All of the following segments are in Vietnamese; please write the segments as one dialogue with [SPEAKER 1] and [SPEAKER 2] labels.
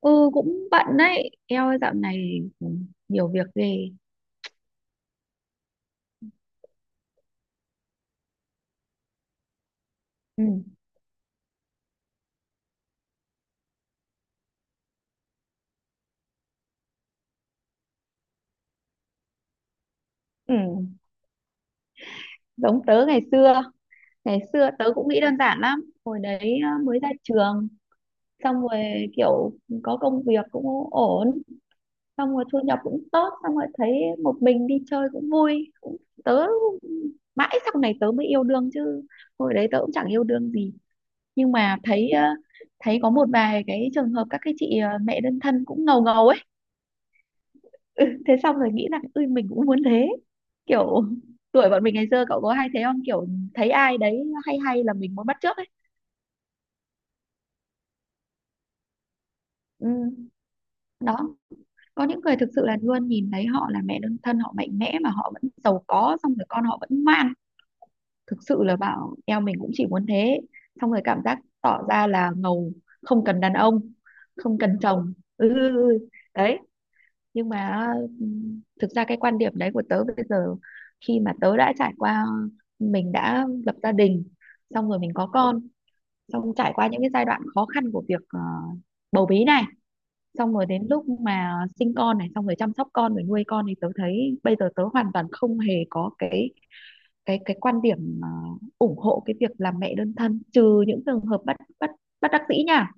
[SPEAKER 1] Ừ, cũng bận đấy, eo ơi dạo này nhiều việc ghê. Ừ. Ừ, giống tớ ngày xưa tớ cũng nghĩ đơn giản lắm hồi đấy à, mới ra trường xong rồi kiểu có công việc cũng ổn, xong rồi thu nhập cũng tốt, xong rồi thấy một mình đi chơi cũng vui cũng, tớ mãi sau này tớ mới yêu đương chứ, hồi đấy tớ cũng chẳng yêu đương gì. Nhưng mà thấy có một vài cái trường hợp các cái chị mẹ đơn thân cũng ngầu ngầu ấy. Ừ, thế xong rồi nghĩ rằng ui mình cũng muốn thế, kiểu tuổi bọn mình ngày xưa cậu có hay thế không, kiểu thấy ai đấy hay hay là mình muốn bắt chước ấy. Ừ, đó, có những người thực sự là luôn nhìn thấy họ là mẹ đơn thân, họ mạnh mẽ mà họ vẫn giàu có, xong rồi con họ vẫn ngoan. Thực sự là bảo eo mình cũng chỉ muốn thế, xong rồi cảm giác tỏ ra là ngầu, không cần đàn ông, không cần chồng. Ừ, ừ, ừ. Đấy, nhưng mà thực ra cái quan điểm đấy của tớ bây giờ, khi mà tớ đã trải qua, mình đã lập gia đình, xong rồi mình có con, xong trải qua những cái giai đoạn khó khăn của việc bầu bí này, xong rồi đến lúc mà sinh con này, xong rồi chăm sóc con rồi nuôi con, thì tớ thấy bây giờ tớ hoàn toàn không hề có cái quan điểm ủng hộ cái việc làm mẹ đơn thân, trừ những trường hợp bất bất bất đắc dĩ nha.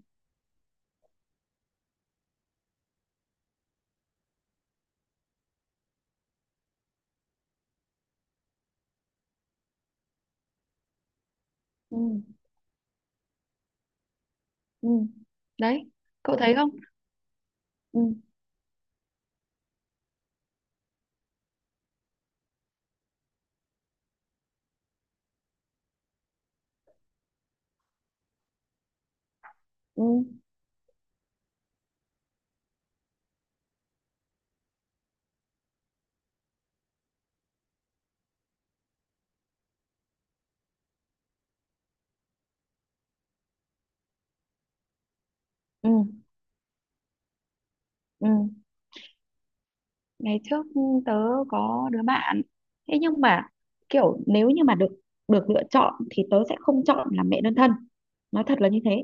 [SPEAKER 1] Ừ, ừ. Đấy, cậu thấy không? Ừ, ừ, ừ, ừ. Ngày trước tớ có đứa bạn thế, nhưng mà kiểu nếu như mà được, lựa chọn thì tớ sẽ không chọn làm mẹ đơn thân, nói thật là như thế.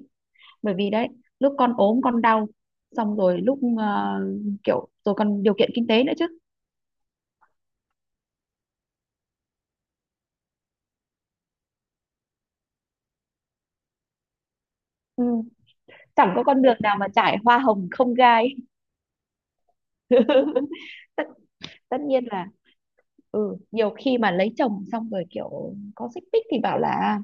[SPEAKER 1] Bởi vì đấy, lúc con ốm con đau, xong rồi lúc kiểu rồi còn điều kiện kinh tế nữa chứ. Ừ, chẳng có con đường nào mà trải hoa hồng không gai. tất, tất nhiên là, ừ, nhiều khi mà lấy chồng xong rồi kiểu có xích mích thì bảo là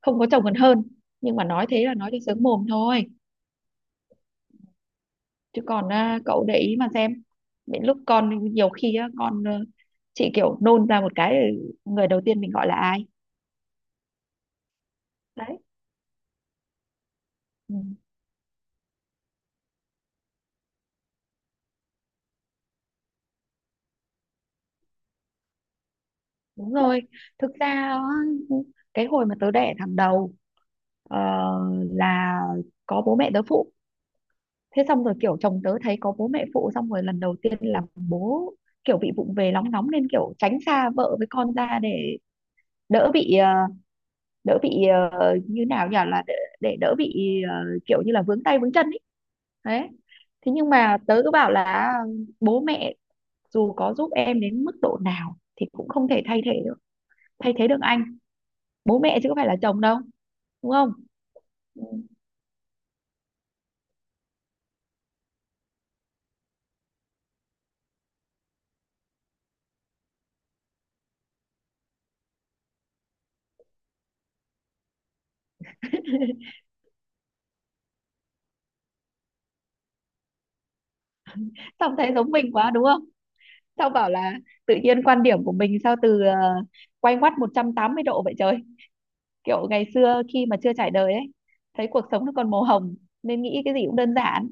[SPEAKER 1] không có chồng còn hơn, nhưng mà nói thế là nói cho sướng mồm thôi. Chứ còn à, cậu để ý mà xem, đến lúc con nhiều khi á, con chị kiểu nôn ra một cái, người đầu tiên mình gọi là ai? Đấy. Ừ, đúng rồi. Thực ra á, cái hồi mà tớ đẻ thằng đầu ờ, là có bố mẹ tớ phụ. Thế xong rồi kiểu chồng tớ thấy có bố mẹ phụ, xong rồi lần đầu tiên là bố kiểu bị vụng về, nóng nóng, nên kiểu tránh xa vợ với con ra để đỡ bị đỡ bị, như nào nhỉ, là để đỡ bị, ờ, kiểu như là vướng tay vướng chân ý. Đấy. Thế nhưng mà tớ cứ bảo là bố mẹ dù có giúp em đến mức độ nào thì cũng không thể thay thế được, thay thế được anh, bố mẹ chứ có phải là chồng đâu, đúng không? Ừ. Xong thấy giống mình quá đúng không, xong bảo là tự nhiên quan điểm của mình sao từ quay ngoắt 180 độ vậy trời. Kiểu ngày xưa khi mà chưa trải đời ấy, thấy cuộc sống nó còn màu hồng nên nghĩ cái gì cũng đơn giản,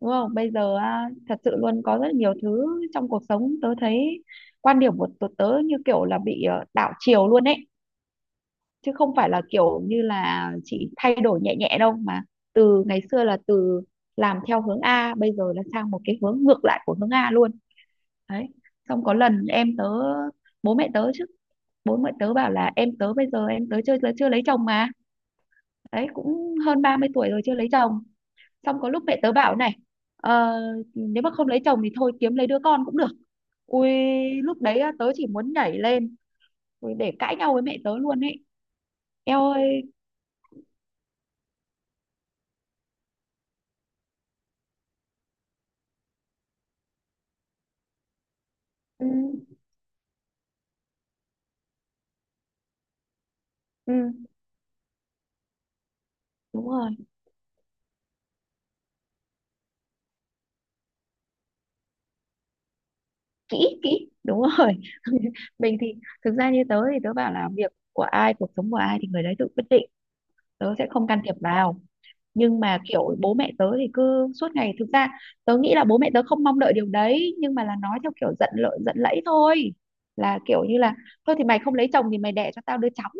[SPEAKER 1] đúng không? Bây giờ á, thật sự luôn có rất nhiều thứ trong cuộc sống, tớ thấy quan điểm của tớ, tớ như kiểu là bị đảo chiều luôn ấy, chứ không phải là kiểu như là chỉ thay đổi nhẹ nhẹ đâu, mà từ ngày xưa là từ làm theo hướng A, bây giờ là sang một cái hướng ngược lại của hướng A luôn. Đấy. Xong có lần em tớ, bố mẹ tớ chứ, bố mẹ tớ bảo là em tớ bây giờ, em tớ chưa chưa lấy chồng mà, đấy cũng hơn 30 tuổi rồi chưa lấy chồng. Xong có lúc mẹ tớ bảo này, ờ, nếu mà không lấy chồng thì thôi kiếm lấy đứa con cũng được. Ui, lúc đấy á, tớ chỉ muốn nhảy lên, ui, để cãi nhau với mẹ tớ luôn ấy. Eo ơi. Ừ, ừ, đúng rồi. Kỹ, kỹ, đúng rồi. Mình thì, thực ra như tớ thì tớ bảo là việc của ai, cuộc sống của ai thì người đấy tự quyết định, tớ sẽ không can thiệp vào. Nhưng mà kiểu bố mẹ tớ thì cứ suốt ngày, thực ra tớ nghĩ là bố mẹ tớ không mong đợi điều đấy, nhưng mà là nói theo kiểu giận lợi giận lẫy thôi, là kiểu như là thôi thì mày không lấy chồng thì mày đẻ cho tao đứa cháu.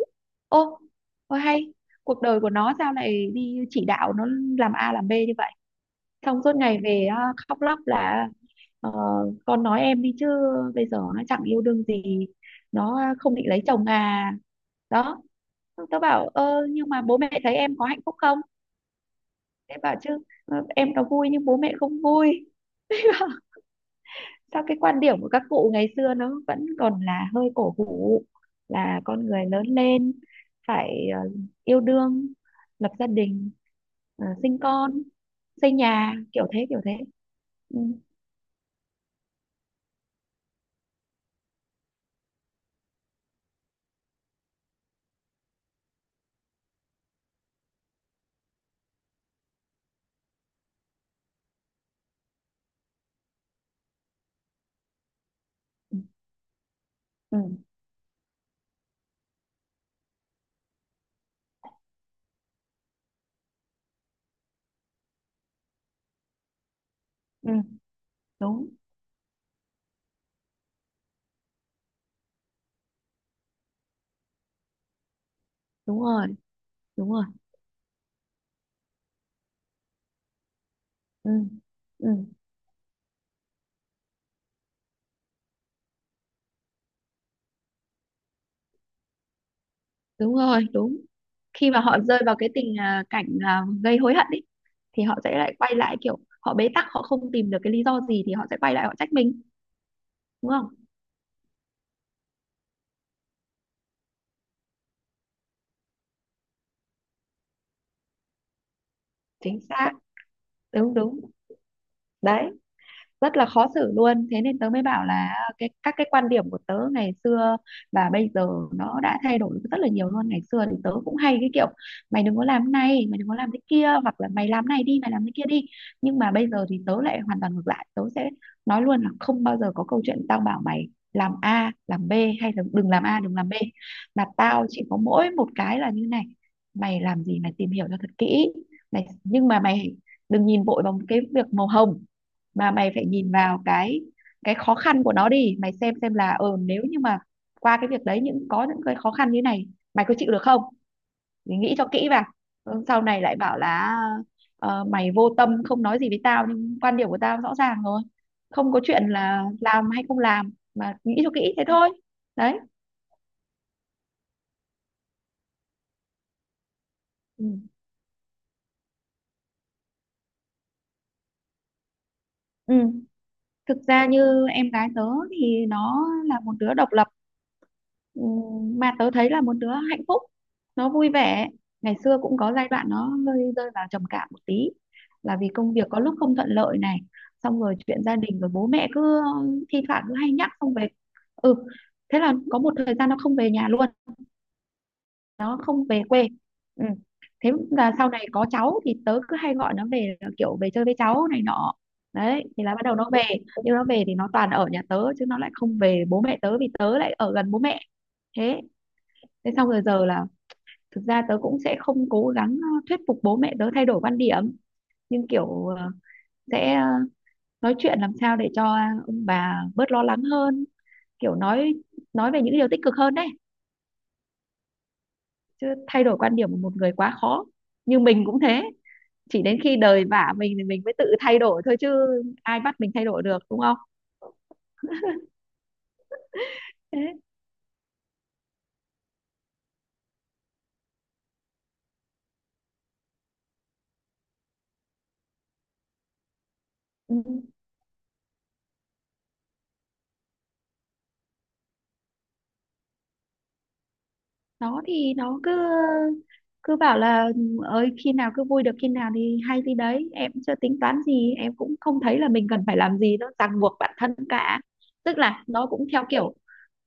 [SPEAKER 1] Ô, ô hay, cuộc đời của nó sao lại đi chỉ đạo nó làm A làm B như vậy. Xong suốt ngày về á, khóc lóc là ờ, con nói em đi chứ, bây giờ nó chẳng yêu đương gì, nó không định lấy chồng à. Đó. Tớ bảo ơ nhưng mà bố mẹ thấy em có hạnh phúc không, em bảo chứ, em nó vui nhưng bố mẹ không vui. Sao cái quan điểm của các cụ ngày xưa nó vẫn còn là hơi cổ hủ, là con người lớn lên phải yêu đương, lập gia đình, sinh con, xây nhà kiểu thế kiểu thế. Ừ, ừ, ừ, ừ, đúng đúng rồi, đúng rồi. Ừ, ừ. Đúng rồi, đúng. Khi mà họ rơi vào cái tình cảnh gây hối hận ấy, thì họ sẽ lại quay lại kiểu họ bế tắc, họ không tìm được cái lý do gì thì họ sẽ quay lại họ trách mình, đúng không? Chính xác. Đúng, đúng. Đấy, rất là khó xử luôn, thế nên tớ mới bảo là cái các cái quan điểm của tớ ngày xưa và bây giờ nó đã thay đổi rất là nhiều luôn. Ngày xưa thì tớ cũng hay cái kiểu mày đừng có làm cái này, mày đừng có làm cái kia, hoặc là mày làm cái này đi, mày làm cái kia đi. Nhưng mà bây giờ thì tớ lại hoàn toàn ngược lại, tớ sẽ nói luôn là không bao giờ có câu chuyện tao bảo mày làm A làm B hay là đừng làm A đừng làm B. Mà tao chỉ có mỗi một cái là như này: mày làm gì mày tìm hiểu cho thật kỹ, mày, nhưng mà mày đừng nhìn vội vào cái việc màu hồng, mà mày phải nhìn vào cái khó khăn của nó đi, mày xem là nếu như mà qua cái việc đấy những có những cái khó khăn như thế này mày có chịu được không, thì nghĩ cho kỹ vào. Ừ, sau này lại bảo là mày vô tâm không nói gì với tao, nhưng quan điểm của tao rõ ràng rồi, không có chuyện là làm hay không làm mà nghĩ cho kỹ thế thôi. Đấy. Ừ. Ừ, thực ra như em gái tớ thì nó là một đứa độc lập. Ừ, mà tớ thấy là một đứa hạnh phúc, nó vui vẻ. Ngày xưa cũng có giai đoạn nó hơi rơi vào trầm cảm một tí, là vì công việc có lúc không thuận lợi này, xong rồi chuyện gia đình rồi bố mẹ cứ thi thoảng cứ hay nhắc không về. Ừ, thế là có một thời gian nó không về nhà luôn, nó không về quê. Ừ. Thế là sau này có cháu thì tớ cứ hay gọi nó về, là kiểu về chơi với cháu này nọ. Đấy, thì là bắt đầu nó về, nhưng nó về thì nó toàn ở nhà tớ chứ nó lại không về bố mẹ tớ, vì tớ lại ở gần bố mẹ. Thế. Thế xong rồi giờ là thực ra tớ cũng sẽ không cố gắng thuyết phục bố mẹ tớ thay đổi quan điểm, nhưng kiểu sẽ, nói chuyện làm sao để cho ông bà bớt lo lắng hơn, kiểu nói về những điều tích cực hơn. Đấy, chứ thay đổi quan điểm của một người quá khó, như mình cũng thế, chỉ đến khi đời vả mình thì mình mới tự thay đổi thôi chứ ai bắt mình thay đổi được, đúng không? Thế. Ừ. Nó thì nó cứ cứ bảo là ừ, ơi khi nào cứ vui được khi nào thì hay, thì đấy em chưa tính toán gì, em cũng không thấy là mình cần phải làm gì nó ràng buộc bản thân cả. Tức là nó cũng theo kiểu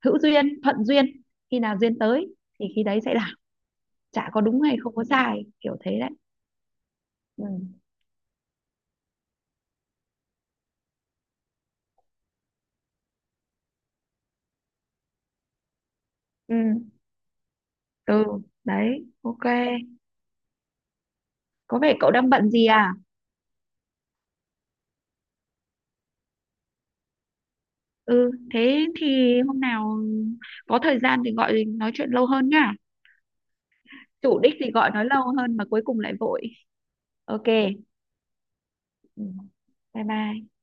[SPEAKER 1] hữu duyên thuận duyên, khi nào duyên tới thì khi đấy sẽ làm, chả có đúng hay không có sai kiểu thế đấy. Ừ, ừ, ừ. Đấy, ok. Có vẻ cậu đang bận gì à? Ừ, thế thì hôm nào có thời gian thì gọi nói chuyện lâu hơn nhá, chủ đích thì gọi nói lâu hơn mà cuối cùng lại vội. Ok. Ừ. Bye bye.